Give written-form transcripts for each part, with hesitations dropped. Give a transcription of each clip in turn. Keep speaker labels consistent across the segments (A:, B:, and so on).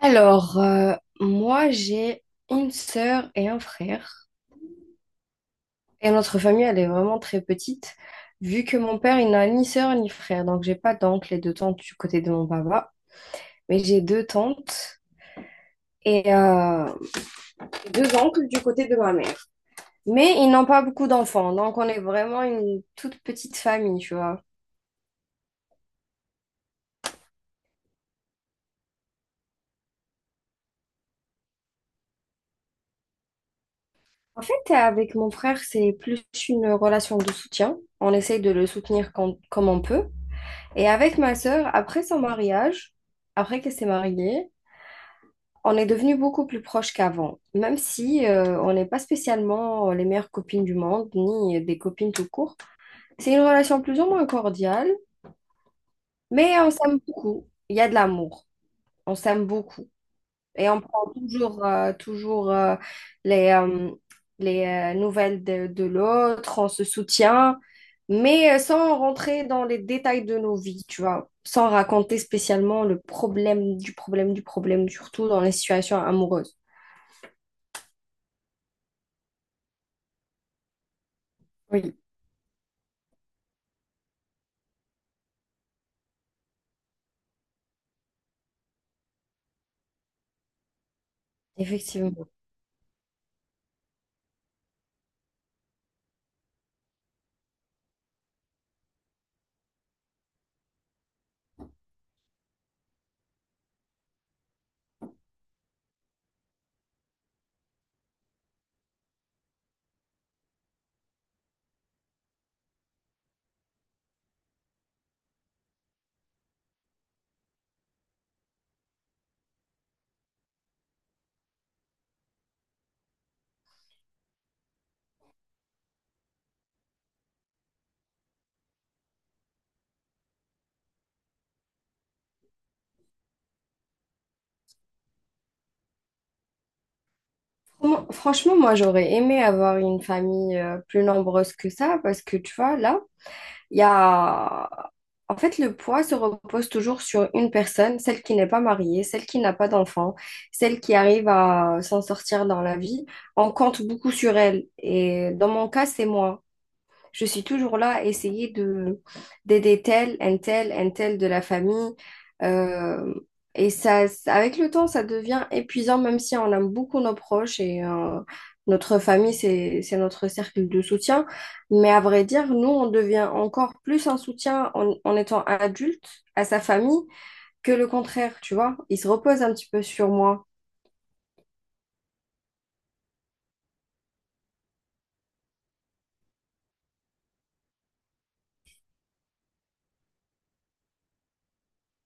A: Alors, moi, j'ai une sœur et un frère. Et notre famille, elle est vraiment très petite, vu que mon père, il n'a ni sœur ni frère. Donc, j'ai pas d'oncle et de tante du côté de mon papa, mais j'ai deux tantes et deux oncles du côté de ma mère. Mais ils n'ont pas beaucoup d'enfants, donc on est vraiment une toute petite famille, tu vois. En fait, avec mon frère, c'est plus une relation de soutien. On essaye de le soutenir comme on peut. Et avec ma sœur, après son mariage, après qu'elle s'est mariée, on est devenus beaucoup plus proches qu'avant, même si on n'est pas spécialement les meilleures copines du monde, ni des copines tout court. C'est une relation plus ou moins cordiale, mais on s'aime beaucoup. Il y a de l'amour. On s'aime beaucoup. Et on prend toujours, toujours les, euh, les nouvelles de l'autre, on se soutient, mais sans rentrer dans les détails de nos vies, tu vois, sans raconter spécialement le problème du problème, surtout dans les situations amoureuses. Oui. Effectivement. Franchement, moi, j'aurais aimé avoir une famille plus nombreuse que ça, parce que, tu vois, là, Il y a... En fait, le poids se repose toujours sur une personne, celle qui n'est pas mariée, celle qui n'a pas d'enfant, celle qui arrive à s'en sortir dans la vie. On compte beaucoup sur elle. Et dans mon cas, c'est moi. Je suis toujours là à essayer de d'aider tel, un tel de la famille. Euh, Avec le temps, ça devient épuisant, même si on aime beaucoup nos proches et notre famille, c'est notre cercle de soutien. Mais à vrai dire, nous, on devient encore plus un soutien en étant adulte à sa famille que le contraire, tu vois. Il se repose un petit peu sur moi.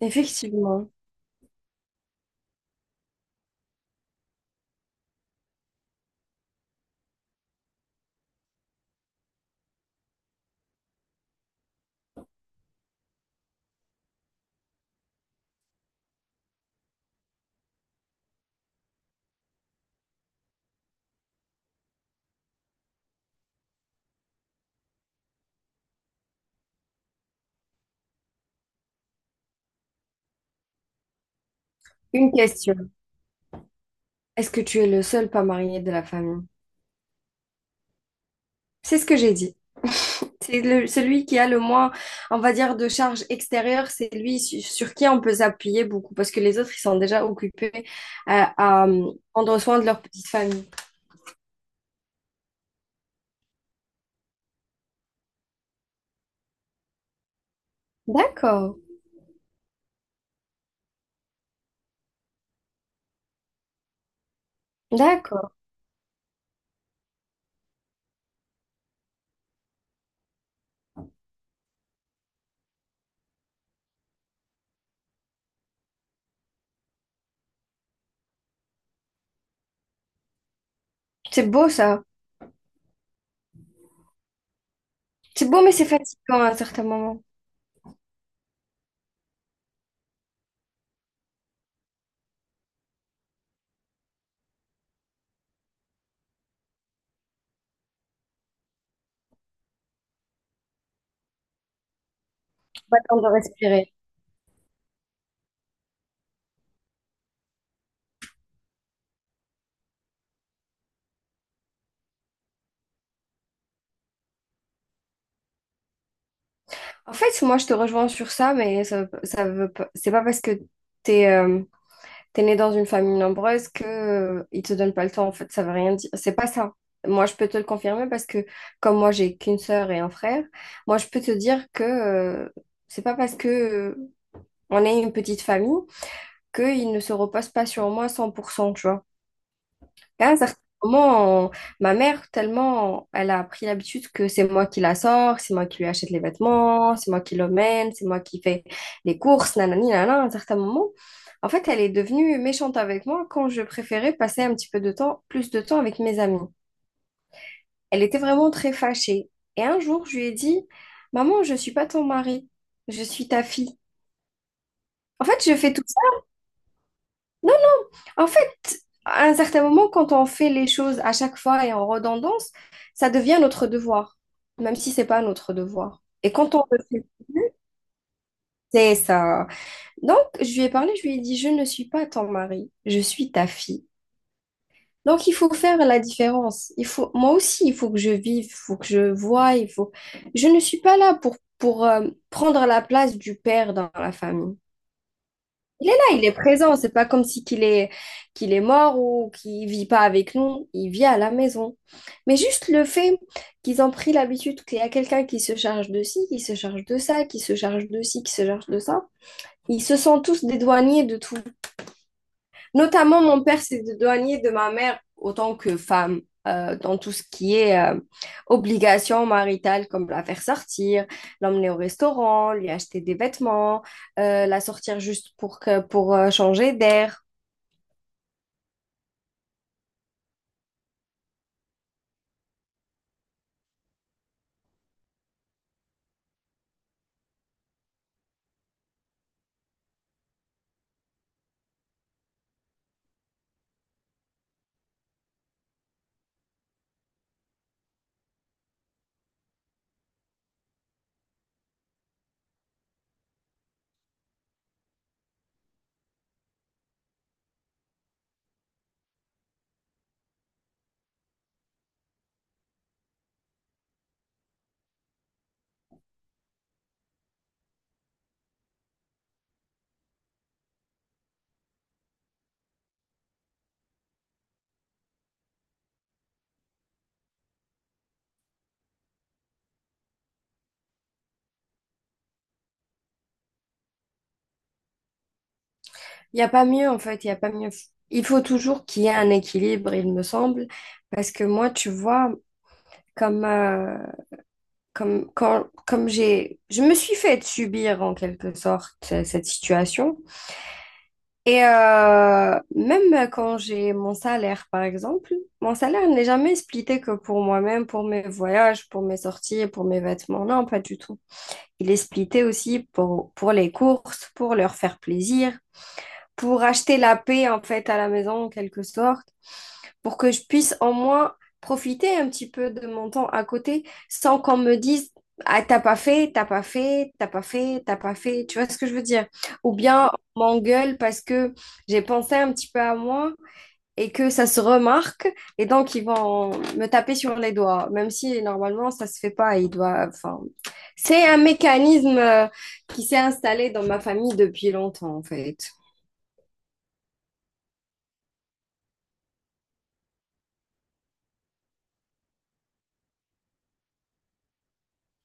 A: Effectivement. Une question. Est-ce que tu es le seul pas marié de la famille? C'est ce que j'ai dit. Celui qui a le moins, on va dire, de charge extérieure, c'est sur qui on peut s'appuyer beaucoup parce que les autres, ils sont déjà occupés à prendre soin de leur petite famille. D'accord, d'accord. C'est beau ça. C'est beau, mais c'est fatigant à un certain moment. Pas le temps de respirer. En fait, moi, je te rejoins sur ça, mais ça veut pas, c'est pas parce que t'es, t'es né dans une famille nombreuse que ils te donnent pas le temps, en fait, ça veut rien dire, c'est pas ça. Moi, je peux te le confirmer parce que, comme moi, j'ai qu'une sœur et un frère, moi je peux te dire que c'est pas parce que on est une petite famille qu'ils ne se reposent pas sur moi 100% tu vois. À un certain moment, ma mère, tellement, elle a pris l'habitude que c'est moi qui la sors, c'est moi qui lui achète les vêtements, c'est moi qui l'emmène, c'est moi qui fais les courses, nanani, nanana. À un certain moment, en fait, elle est devenue méchante avec moi quand je préférais passer un petit peu de temps, plus de temps avec mes amis. Elle était vraiment très fâchée. Et un jour, je lui ai dit, Maman, je suis pas ton mari, je suis ta fille. En fait, je fais tout ça. En fait, à un certain moment, quand on fait les choses à chaque fois et en redondance, ça devient notre devoir, même si c'est pas notre devoir. Et quand on le fait plus, c'est ça. Donc, je lui ai parlé, je lui ai dit, je ne suis pas ton mari, je suis ta fille. Donc, il faut faire la différence. Il faut, moi aussi, il faut que je vive, il faut que je voie, il faut. Je ne suis pas là pour prendre la place du père dans la famille. Il est là, il est présent. C'est pas comme si qu'il est mort ou qu'il vit pas avec nous. Il vit à la maison. Mais juste le fait qu'ils ont pris l'habitude qu'il y a quelqu'un qui se charge de ci, qui se charge de ça, qui se charge de ci, qui se charge de ça, ils se sont tous dédouanés de tout. Notamment, mon père s'est éloigné de ma mère autant que femme dans tout ce qui est obligations maritales, comme la faire sortir, l'emmener au restaurant, lui acheter des vêtements, la sortir juste pour changer d'air. Il n'y a pas mieux, en fait, il n'y a pas mieux. Il faut toujours qu'il y ait un équilibre, il me semble, parce que moi, tu vois, comme comme, quand, comme j'ai, je me suis fait subir en quelque sorte cette situation. Et même quand j'ai mon salaire, par exemple, mon salaire n'est jamais splitté que pour moi-même, pour mes voyages, pour mes sorties, pour mes vêtements. Non, pas du tout. Il est splitté aussi pour les courses, pour leur faire plaisir, pour acheter la paix en fait à la maison en quelque sorte pour que je puisse au moins profiter un petit peu de mon temps à côté sans qu'on me dise, ah, t'as pas fait, t'as pas fait, t'as pas fait, t'as pas fait, tu vois ce que je veux dire? Ou bien on m'engueule parce que j'ai pensé un petit peu à moi et que ça se remarque et donc ils vont me taper sur les doigts, même si normalement ça se fait pas, ils doivent, enfin, c'est un mécanisme qui s'est installé dans ma famille depuis longtemps en fait.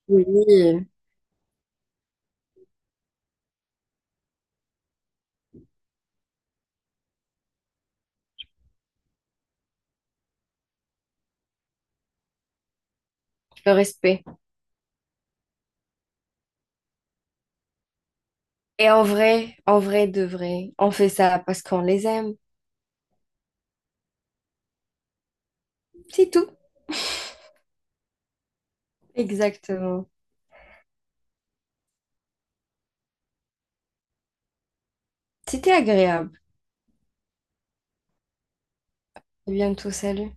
A: Oui, le respect. Et en vrai de vrai, on fait ça parce qu'on les aime. C'est tout. Exactement. C'était agréable. À bientôt, salut.